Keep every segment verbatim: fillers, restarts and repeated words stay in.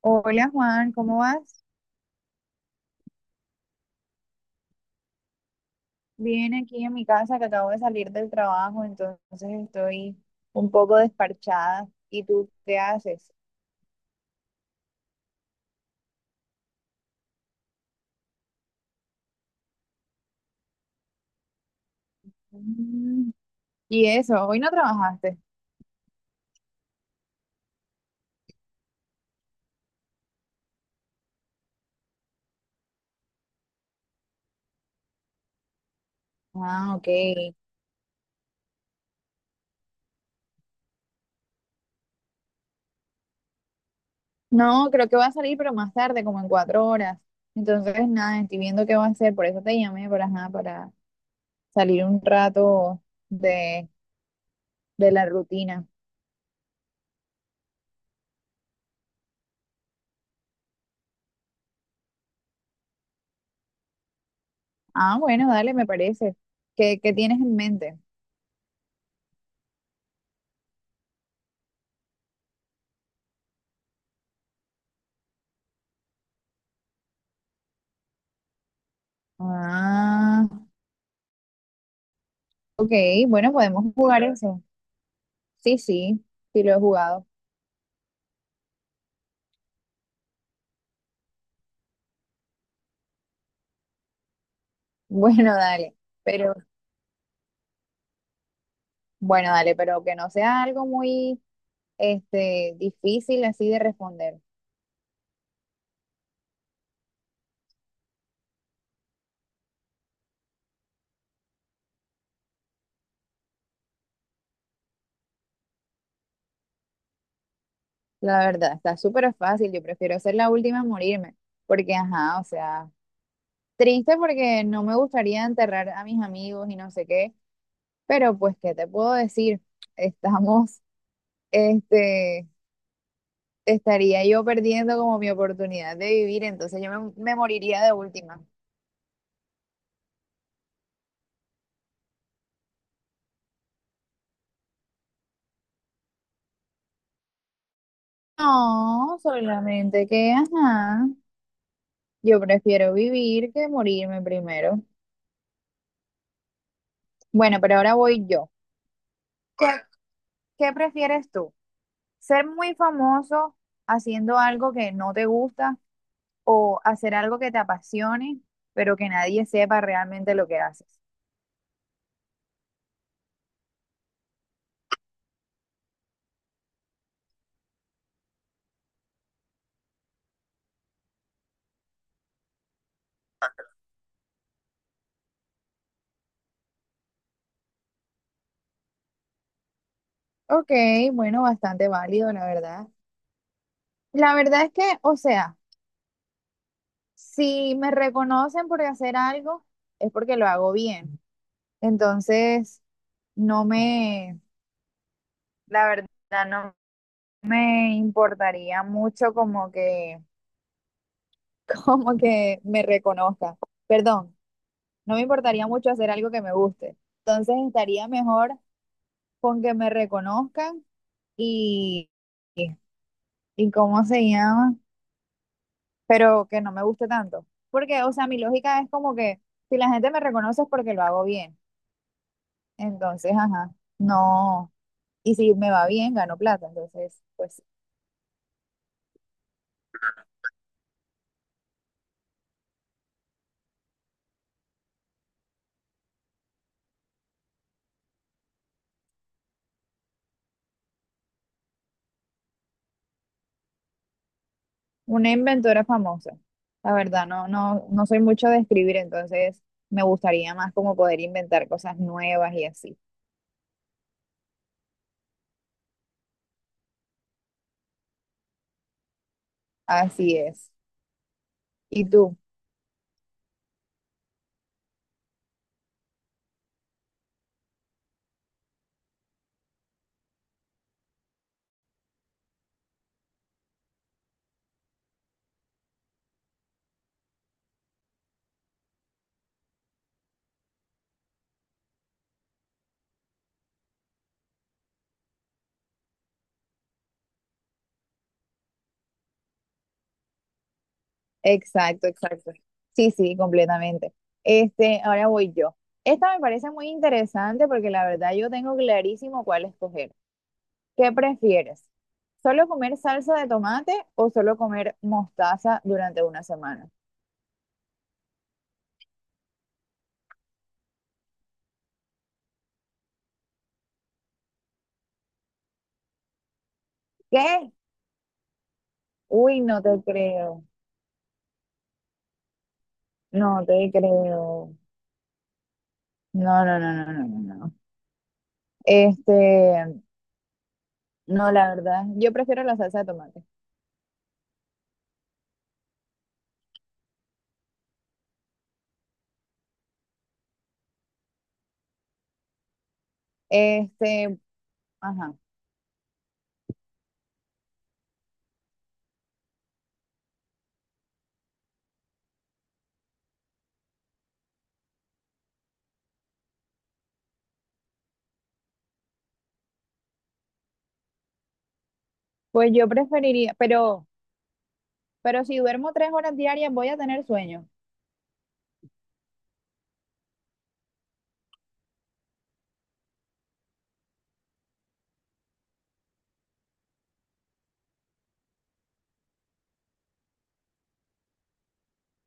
Hola Juan, ¿cómo vas? Bien aquí en mi casa que acabo de salir del trabajo, entonces estoy un poco desparchada. ¿Y tú qué haces? Mm. ¿Y eso? ¿Hoy no trabajaste? Ah, ok. No, creo que va a salir, pero más tarde, como en cuatro horas. Entonces, nada, estoy viendo qué va a hacer, por eso te llamé para, ajá, para salir un rato de, de la rutina. Ah, bueno, dale, me parece. ¿Qué, qué tienes en mente? Ah, ok, bueno, podemos jugar eso. Sí, sí, sí lo he jugado. Bueno, dale, pero bueno, dale, pero que no sea algo muy este difícil así de responder. La verdad, está súper fácil. Yo prefiero ser la última en morirme, porque ajá, o sea, triste porque no me gustaría enterrar a mis amigos y no sé qué, pero pues ¿qué te puedo decir? Estamos este Estaría yo perdiendo como mi oportunidad de vivir, entonces yo me, me moriría de última. No, solamente que, ajá. Yo prefiero vivir que morirme primero. Bueno, pero ahora voy yo. ¿Qué prefieres tú? ¿Ser muy famoso haciendo algo que no te gusta o hacer algo que te apasione, pero que nadie sepa realmente lo que haces? Ok, bueno, bastante válido, la verdad. La verdad es que, o sea, si me reconocen por hacer algo, es porque lo hago bien. Entonces, no me, la verdad, no me importaría mucho como que como que me reconozca. Perdón, no me importaría mucho hacer algo que me guste. Entonces estaría mejor con que me reconozcan y, y, y cómo se llama, pero que no me guste tanto. Porque, o sea, mi lógica es como que si la gente me reconoce es porque lo hago bien. Entonces, ajá, no. Y si me va bien, gano plata. Entonces, pues una inventora famosa. La verdad, no, no, no soy mucho de escribir, entonces me gustaría más como poder inventar cosas nuevas y así. Así es. ¿Y tú? Exacto, exacto. Sí, sí, completamente. Este, ahora voy yo. Esta me parece muy interesante porque la verdad yo tengo clarísimo cuál escoger. ¿Qué prefieres? ¿Solo comer salsa de tomate o solo comer mostaza durante una semana? ¿Qué? Uy, no te creo. No te creo. No, no, no, no, no, no, no. Este, no, la verdad, yo prefiero la salsa de tomate. Este, ajá. Pues yo preferiría, pero, pero si duermo tres horas diarias voy a tener sueño.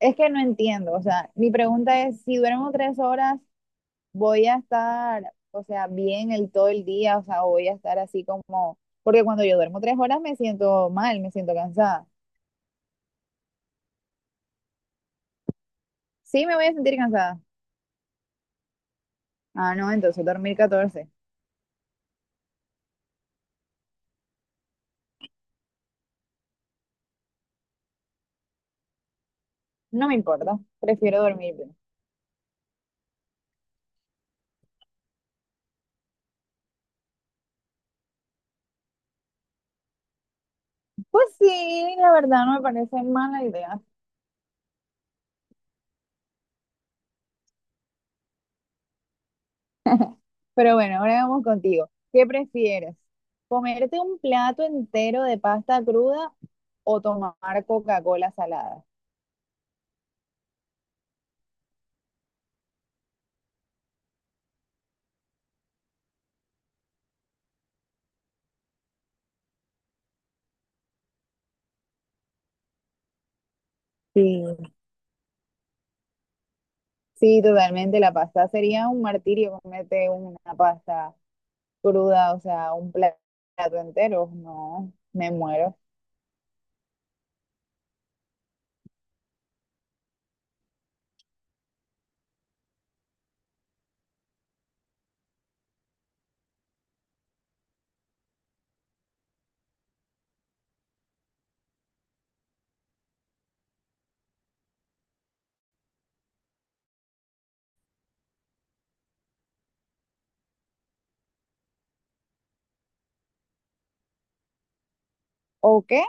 Es que no entiendo, o sea, mi pregunta es, si duermo tres horas, voy a estar, o sea, bien el todo el día, o sea, voy a estar así como, porque cuando yo duermo tres horas me siento mal, me siento cansada. Sí, me voy a sentir cansada. Ah, no, entonces dormir catorce. No me importa, prefiero dormir. Pues sí, la verdad no me parece mala idea. Pero bueno, ahora vamos contigo. ¿Qué prefieres? ¿Comerte un plato entero de pasta cruda o tomar Coca-Cola salada? Sí, sí, totalmente. La pasta sería un martirio comerte una pasta cruda, o sea, un pla- plato entero. No, me muero. ¿O qué?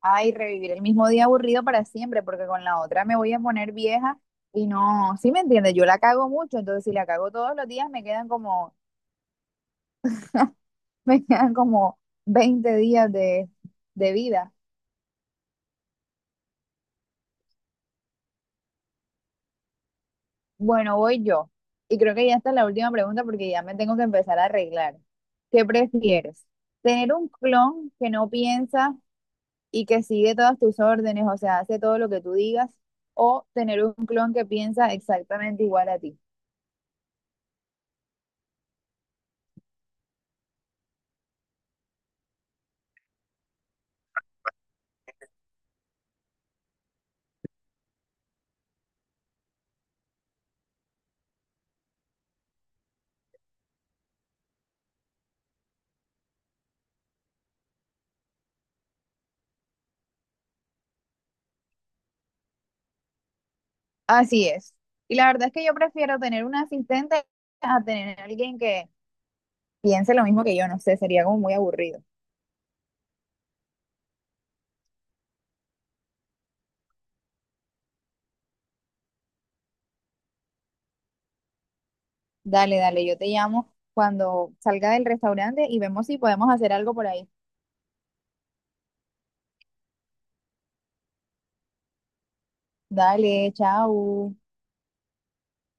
Ay, revivir el mismo día aburrido para siempre, porque con la otra me voy a poner vieja y no, sí me entiendes, yo la cago mucho, entonces si la cago todos los días me quedan como me quedan como veinte días de, de vida. Bueno, voy yo. Y creo que ya está la última pregunta porque ya me tengo que empezar a arreglar. ¿Qué prefieres? ¿Tener un clon que no piensa y que sigue todas tus órdenes, o sea, hace todo lo que tú digas? ¿O tener un clon que piensa exactamente igual a ti? Así es. Y la verdad es que yo prefiero tener un asistente a tener a alguien que piense lo mismo que yo. No sé, sería como muy aburrido. Dale, dale, yo te llamo cuando salga del restaurante y vemos si podemos hacer algo por ahí. Dale, chao.